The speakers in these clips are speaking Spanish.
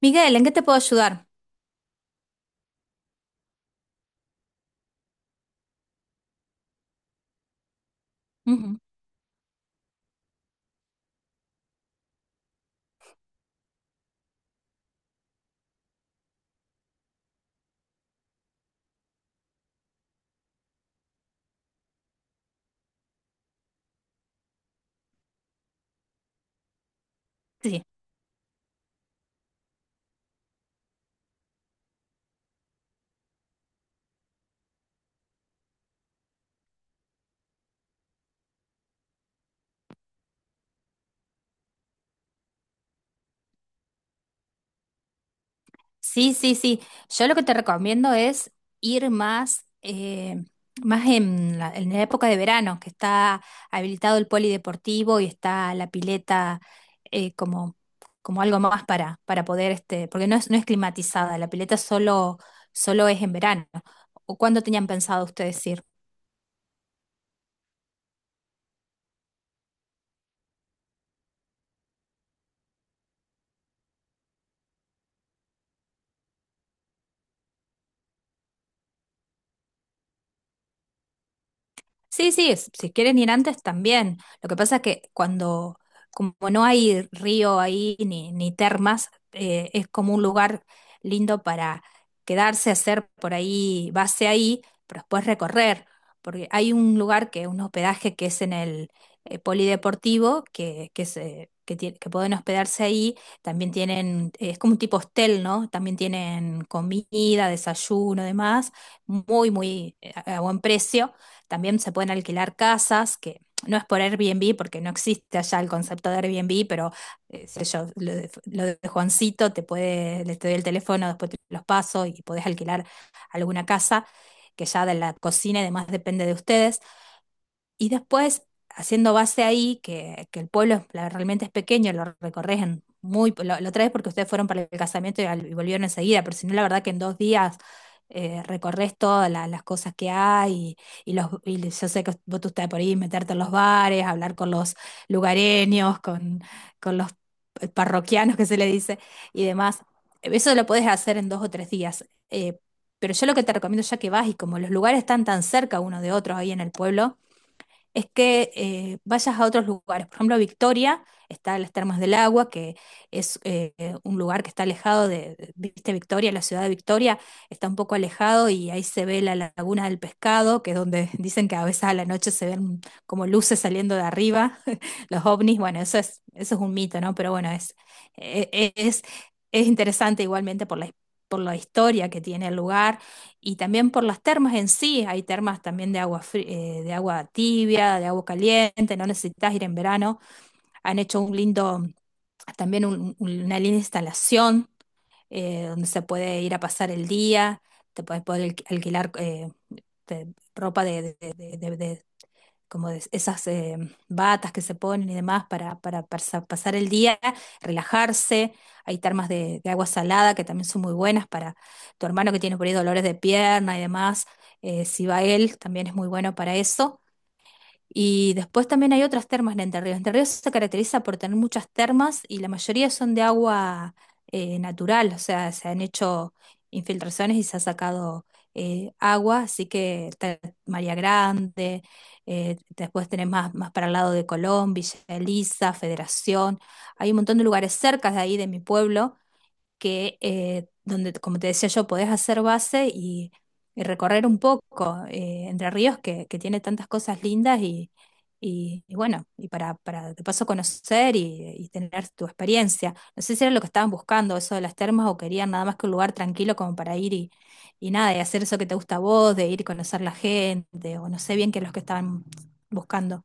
Miguel, ¿en qué te puedo ayudar? Ujú. Sí, sí, sí, sí. Yo lo que te recomiendo es ir más, más en la época de verano, que está habilitado el polideportivo y está la pileta como, como algo más para poder, este, porque no es, no es climatizada, la pileta solo, solo es en verano. ¿O cuándo tenían pensado ustedes ir? Sí, sí, si quieren ir antes también. Lo que pasa es que cuando, como no hay río ahí ni, ni termas, es como un lugar lindo para quedarse, hacer por ahí base ahí, pero después recorrer, porque hay un lugar que un hospedaje que es en el polideportivo, que pueden hospedarse ahí, también tienen, es como un tipo hostel, ¿no? También tienen comida, desayuno, demás, muy, muy a buen precio, también se pueden alquilar casas, que no es por Airbnb, porque no existe allá el concepto de Airbnb, pero sé yo, lo de Juancito, te puede, le te doy el teléfono, después te los paso y podés alquilar alguna casa, que ya de la cocina y demás depende de ustedes. Y después, haciendo base ahí, que el pueblo realmente es pequeño, lo recorres lo traes porque ustedes fueron para el casamiento y volvieron enseguida, pero si no, la verdad que en 2 días recorres todas las cosas que hay y yo sé que vos tú estás por ahí, meterte en los bares, hablar con los lugareños, con los parroquianos que se le dice y demás. Eso lo puedes hacer en 2 o 3 días. Pero yo lo que te recomiendo ya que vas y como los lugares están tan cerca uno de otro ahí en el pueblo, es que vayas a otros lugares. Por ejemplo, Victoria, está las Termas del Agua, que es un lugar que está alejado viste, Victoria, la ciudad de Victoria, está un poco alejado y ahí se ve la Laguna del Pescado, que es donde dicen que a veces a la noche se ven como luces saliendo de arriba, los ovnis. Bueno, eso es un mito, ¿no? Pero bueno, es, e- e- es interesante igualmente por la historia que tiene el lugar y también por las termas en sí. Hay termas también de agua, de agua tibia, de agua caliente, no necesitas ir en verano. Han hecho un lindo, también una linda instalación donde se puede ir a pasar el día, te puedes poder alquilar te- ropa como de esas batas que se ponen y demás para pasar el día, relajarse. Hay termas de agua salada que también son muy buenas para tu hermano que tiene por ahí dolores de pierna y demás. Si va él, también es muy bueno para eso. Y después también hay otras termas en Entre Ríos. Entre Ríos se caracteriza por tener muchas termas y la mayoría son de agua natural, o sea, se han hecho infiltraciones y se ha sacado agua, así que está María Grande, después tenés más para el lado de Colón, Villa Elisa, Federación, hay un montón de lugares cerca de ahí, de mi pueblo, que donde, como te decía yo, podés hacer base y recorrer un poco Entre Ríos, que tiene tantas cosas lindas y bueno, y para de paso conocer y tener tu experiencia. No sé si era lo que estaban buscando, eso de las termas, o querían nada más que un lugar tranquilo como para ir y nada, y hacer eso que te gusta a vos, de ir y conocer la gente, o no sé bien qué es lo que estaban buscando.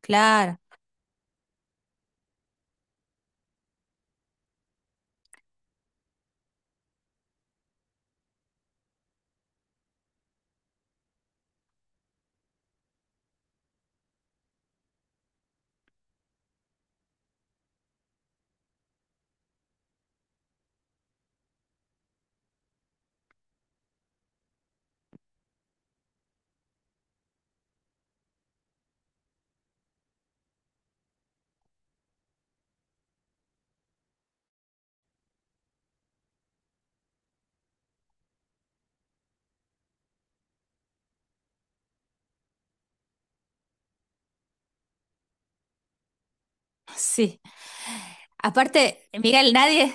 Claro, sí. Aparte, Miguel, nadie.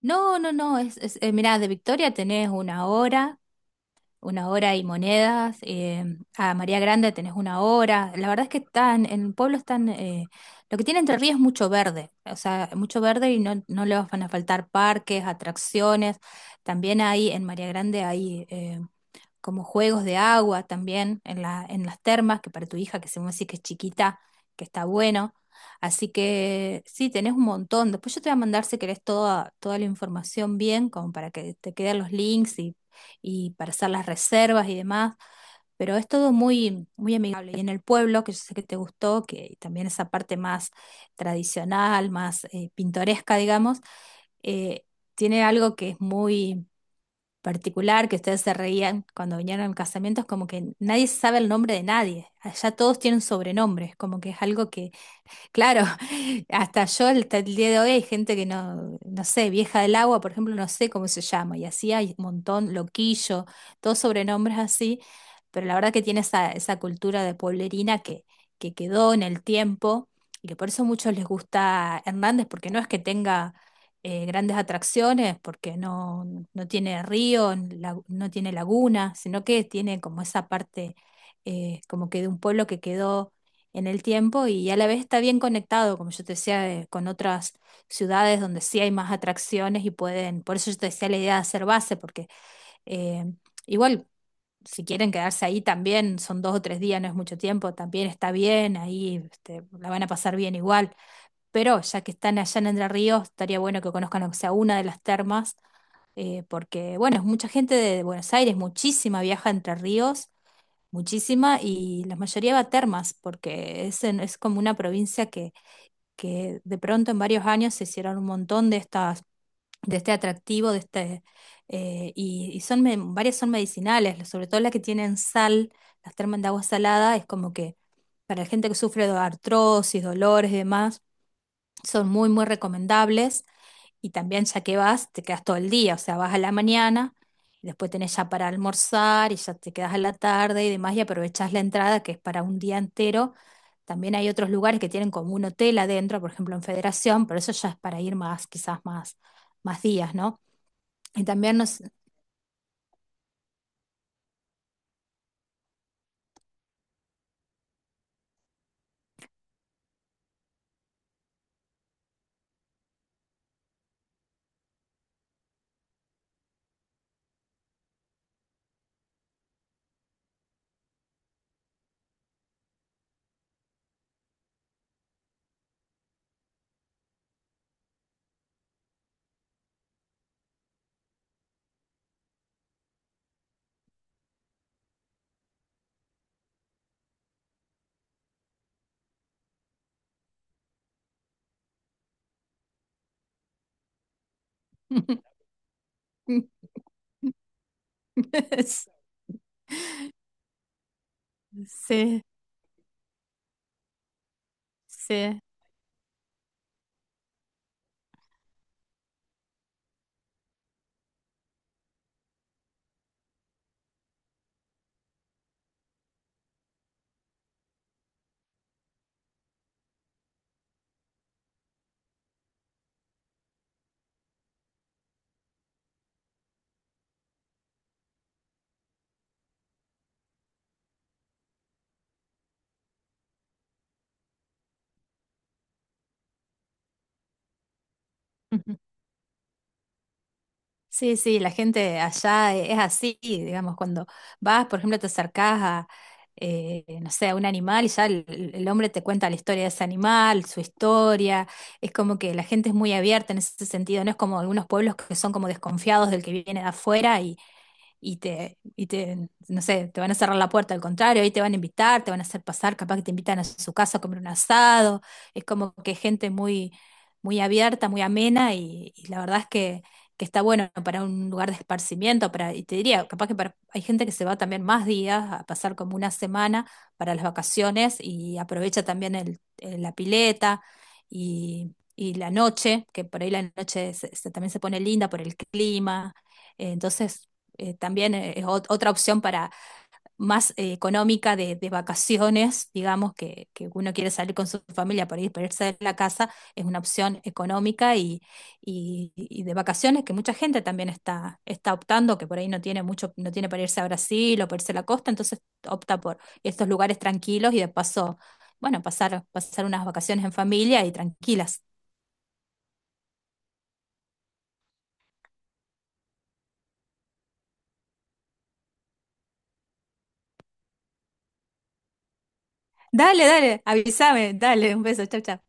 No, no, no, mirá, de Victoria tenés una hora y monedas, a María Grande tenés una hora, la verdad es que en el pueblo están, lo que tiene Entre Ríos es mucho verde, o sea, mucho verde y no le van a faltar parques, atracciones, también hay en María Grande hay como juegos de agua también en la, en las termas, que para tu hija, que se me dice que es chiquita, que está bueno. Así que sí, tenés un montón. Después yo te voy a mandar si querés toda la información bien, como para que te queden los links y para hacer las reservas y demás. Pero es todo muy, muy amigable. Y en el pueblo, que yo sé que te gustó, que también esa parte más tradicional, más pintoresca, digamos, eh, tiene algo que es muy particular, que ustedes se reían cuando vinieron casamientos, como que nadie sabe el nombre de nadie. Allá todos tienen sobrenombres, como que es algo que Claro, hasta yo hasta el día de hoy hay gente que no, no sé, vieja del agua, por ejemplo, no sé cómo se llama, y así hay un montón, loquillo, todos sobrenombres así, pero la verdad que tiene esa, esa cultura de pueblerina que quedó en el tiempo y que por eso a muchos les gusta Hernández, porque no es que tenga grandes atracciones, porque no tiene río, no tiene laguna, sino que tiene como esa parte, como que de un pueblo que quedó en el tiempo y a la vez está bien conectado, como yo te decía, con otras ciudades donde sí hay más atracciones y pueden, por eso yo te decía la idea de hacer base, porque eh, igual si quieren quedarse ahí también, son 2 o 3 días, no es mucho tiempo, también está bien, ahí este, la van a pasar bien igual, pero ya que están allá en Entre Ríos, estaría bueno que conozcan aunque sea una de las termas. Porque bueno, es mucha gente de Buenos Aires, muchísima viaja a Entre Ríos muchísima y la mayoría va a termas, porque es como una provincia que de pronto en varios años se hicieron un montón de estas, de este atractivo, y varias son medicinales, sobre todo las que tienen sal, las termas de agua salada, es como que para la gente que sufre de artrosis, dolores y demás, son muy, muy recomendables. Y también ya que vas, te quedas todo el día, o sea, vas a la mañana, y después tenés ya para almorzar y ya te quedas a la tarde y demás y aprovechás la entrada que es para un día entero. También hay otros lugares que tienen como un hotel adentro, por ejemplo en Federación, pero eso ya es para ir quizás más días, ¿no? Y también nos. Sí, sí. Sí, sí, la gente allá es así, digamos, cuando vas, por ejemplo, te acercás no sé, a un animal y ya el hombre te cuenta la historia de ese animal, su historia, es como que la gente es muy abierta en ese sentido, no es como algunos pueblos que son como desconfiados del que viene de afuera y te, no sé, te van a cerrar la puerta, al contrario, ahí te van a invitar, te van a hacer pasar, capaz que te invitan a su casa a comer un asado, es como que gente muy, muy abierta, muy amena y la verdad es que está bueno para un lugar de esparcimiento, para, y te diría, capaz que para, hay gente que se va también más días, a pasar como una semana para las vacaciones y aprovecha también el, la pileta y la noche, que por ahí la noche también se pone linda por el clima. Entonces, también es otra opción para más económica de vacaciones, digamos, que uno quiere salir con su familia para ir, para irse de la casa, es una opción económica y de vacaciones que mucha gente también está optando, que por ahí no tiene mucho, no tiene para irse a Brasil o para irse a la costa, entonces opta por estos lugares tranquilos y de paso, bueno, pasar unas vacaciones en familia y tranquilas. Dale, dale, avísame, dale, un beso, chao, chao.